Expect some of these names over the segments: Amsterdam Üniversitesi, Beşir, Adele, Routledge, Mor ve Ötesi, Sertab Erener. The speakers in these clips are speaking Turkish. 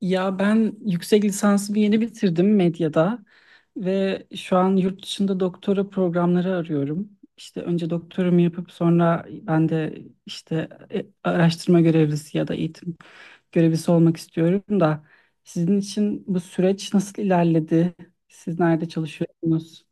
Ya ben yüksek lisansımı yeni bitirdim medyada ve şu an yurt dışında doktora programları arıyorum. İşte önce doktorumu yapıp sonra ben de işte araştırma görevlisi ya da eğitim görevlisi olmak istiyorum da sizin için bu süreç nasıl ilerledi? Siz nerede çalışıyorsunuz?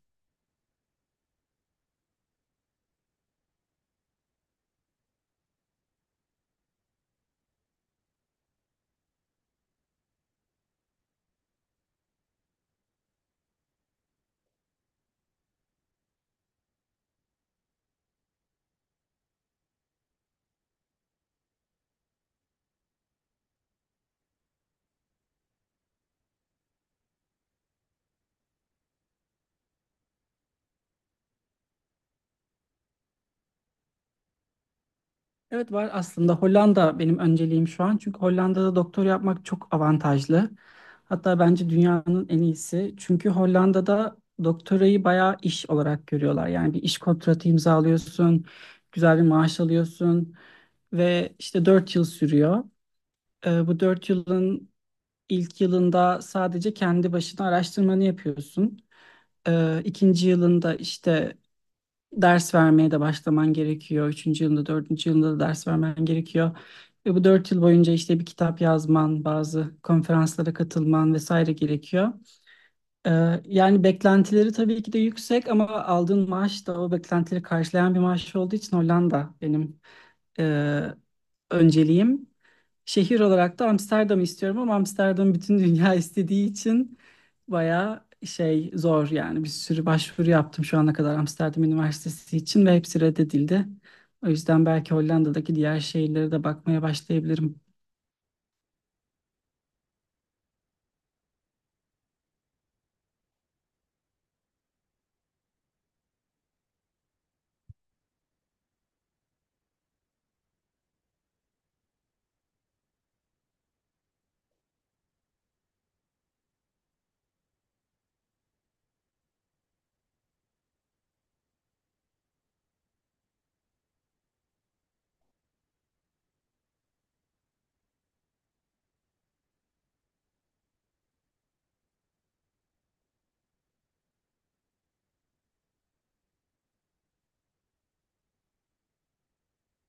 Evet var aslında Hollanda benim önceliğim şu an. Çünkü Hollanda'da doktor yapmak çok avantajlı. Hatta bence dünyanın en iyisi. Çünkü Hollanda'da doktorayı bayağı iş olarak görüyorlar. Yani bir iş kontratı imzalıyorsun, güzel bir maaş alıyorsun ve işte 4 yıl sürüyor. Bu 4 yılın ilk yılında sadece kendi başına araştırmanı yapıyorsun. İkinci yılında işte ders vermeye de başlaman gerekiyor. Üçüncü yılında, dördüncü yılında da ders vermen gerekiyor. Ve bu 4 yıl boyunca işte bir kitap yazman, bazı konferanslara katılman vesaire gerekiyor. Yani beklentileri tabii ki de yüksek ama aldığın maaş da o beklentileri karşılayan bir maaş olduğu için Hollanda benim e, önceliğim. Şehir olarak da Amsterdam'ı istiyorum ama Amsterdam bütün dünya istediği için bayağı şey zor yani bir sürü başvuru yaptım şu ana kadar Amsterdam Üniversitesi için ve hepsi reddedildi. O yüzden belki Hollanda'daki diğer şehirlere de bakmaya başlayabilirim.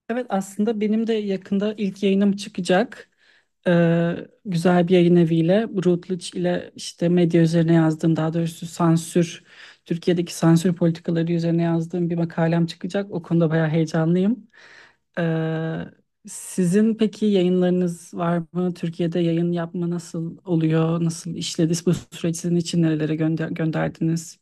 Evet aslında benim de yakında ilk yayınım çıkacak. Ee, Güzel bir yayın eviyle Routledge ile işte medya üzerine yazdığım, daha doğrusu sansür, Türkiye'deki sansür politikaları üzerine yazdığım bir makalem çıkacak. O konuda bayağı heyecanlıyım. Ee, Sizin peki yayınlarınız var mı? Türkiye'de yayın yapma nasıl oluyor? Nasıl işledi? Bu süreç sizin için nerelere gönderdiniz?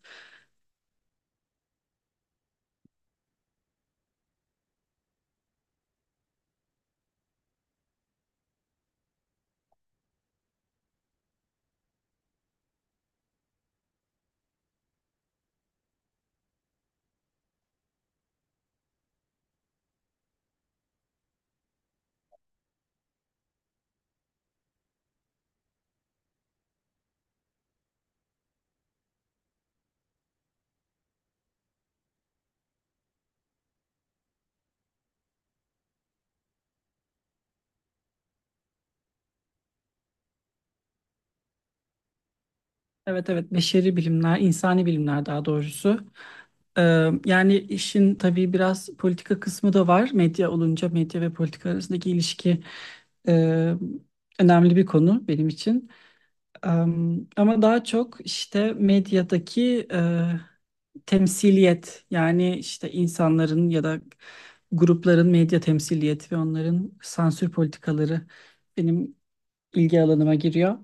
Evet evet, beşeri bilimler, insani bilimler daha doğrusu. Ee, Yani işin tabii biraz politika kısmı da var. Medya olunca medya ve politika arasındaki ilişki e, önemli bir konu benim için. Ee, Ama daha çok işte medyadaki temsiliyet, yani işte insanların ya da grupların medya temsiliyeti ve onların sansür politikaları benim ilgi alanıma giriyor.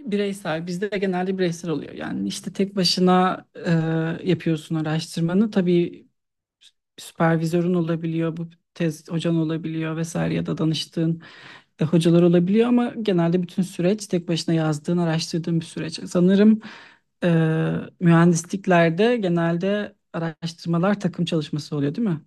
Bireysel, bizde de genelde bireysel oluyor. Yani işte tek başına yapıyorsun araştırmanı. Tabii süpervizörün olabiliyor, bu tez hocan olabiliyor vesaire, ya da danıştığın hocalar olabiliyor ama genelde bütün süreç tek başına yazdığın, araştırdığın bir süreç. Sanırım e, mühendisliklerde genelde araştırmalar takım çalışması oluyor, değil mi?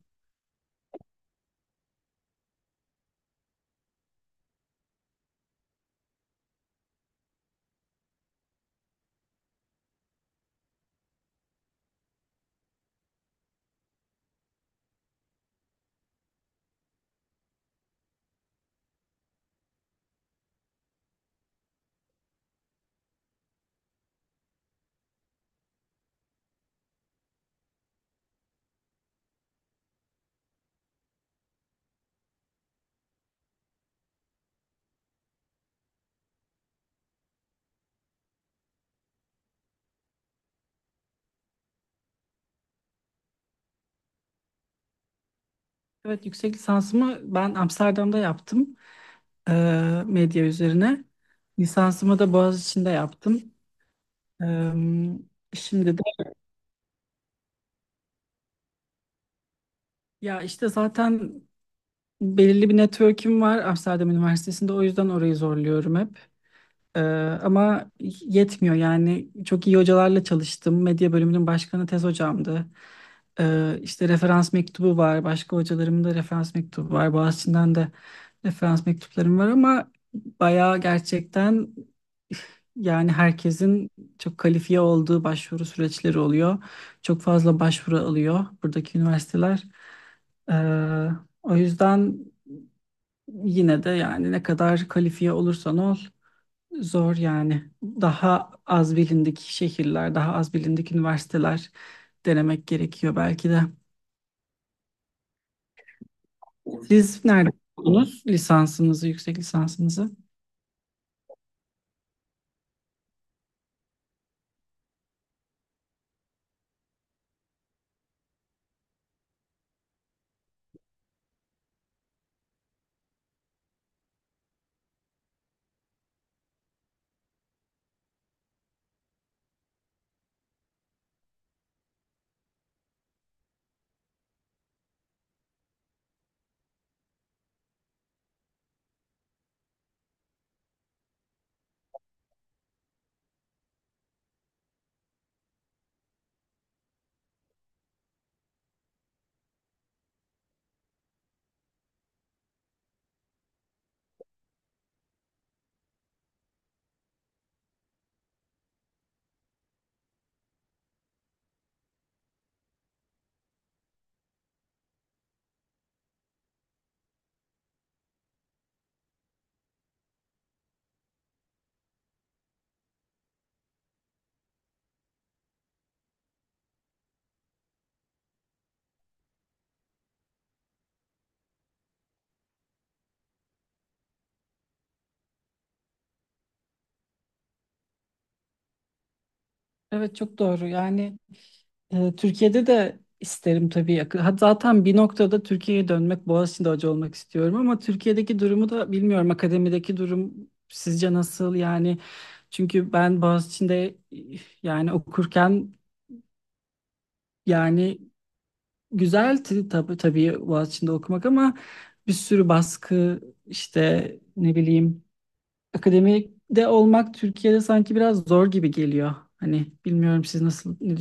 Evet, yüksek lisansımı ben Amsterdam'da yaptım, e, medya üzerine. Lisansımı da Boğaziçi'nde yaptım. E, şimdi de ya işte zaten belirli bir network'üm var Amsterdam Üniversitesi'nde, o yüzden orayı zorluyorum hep. Ee, ama yetmiyor yani, çok iyi hocalarla çalıştım. Medya bölümünün başkanı tez hocamdı. İşte referans mektubu var. Başka hocalarımın da referans mektubu var. Boğaziçi'nden de referans mektuplarım var ama bayağı gerçekten, yani herkesin çok kalifiye olduğu başvuru süreçleri oluyor. Çok fazla başvuru alıyor buradaki üniversiteler. Ee, o yüzden yine de yani ne kadar kalifiye olursan ol. Zor yani. Daha az bilindik şehirler, daha az bilindik üniversiteler denemek gerekiyor belki de. Siz nerede okudunuz lisansınızı, yüksek lisansınızı? Evet çok doğru. Yani Türkiye'de de isterim tabii. Ha, zaten bir noktada Türkiye'ye dönmek, Boğaziçi'nde hoca olmak istiyorum ama Türkiye'deki durumu da bilmiyorum. Akademideki durum sizce nasıl? Yani. Çünkü ben Boğaziçi'nde, yani okurken, yani güzeldi tabii tabii Boğaziçi'nde okumak ama bir sürü baskı işte, ne bileyim, akademide olmak Türkiye'de sanki biraz zor gibi geliyor. Hani bilmiyorum siz nasıl ne.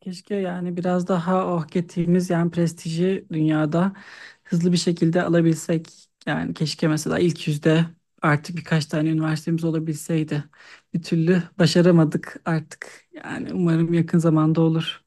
Keşke yani biraz daha oh ettiğimiz, yani prestiji dünyada hızlı bir şekilde alabilsek. Yani keşke mesela ilk 100'de artık birkaç tane üniversitemiz olabilseydi. Bir türlü başaramadık artık. Yani umarım yakın zamanda olur.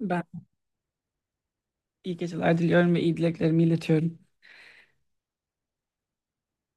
Ben iyi geceler diliyorum ve iyi dileklerimi iletiyorum.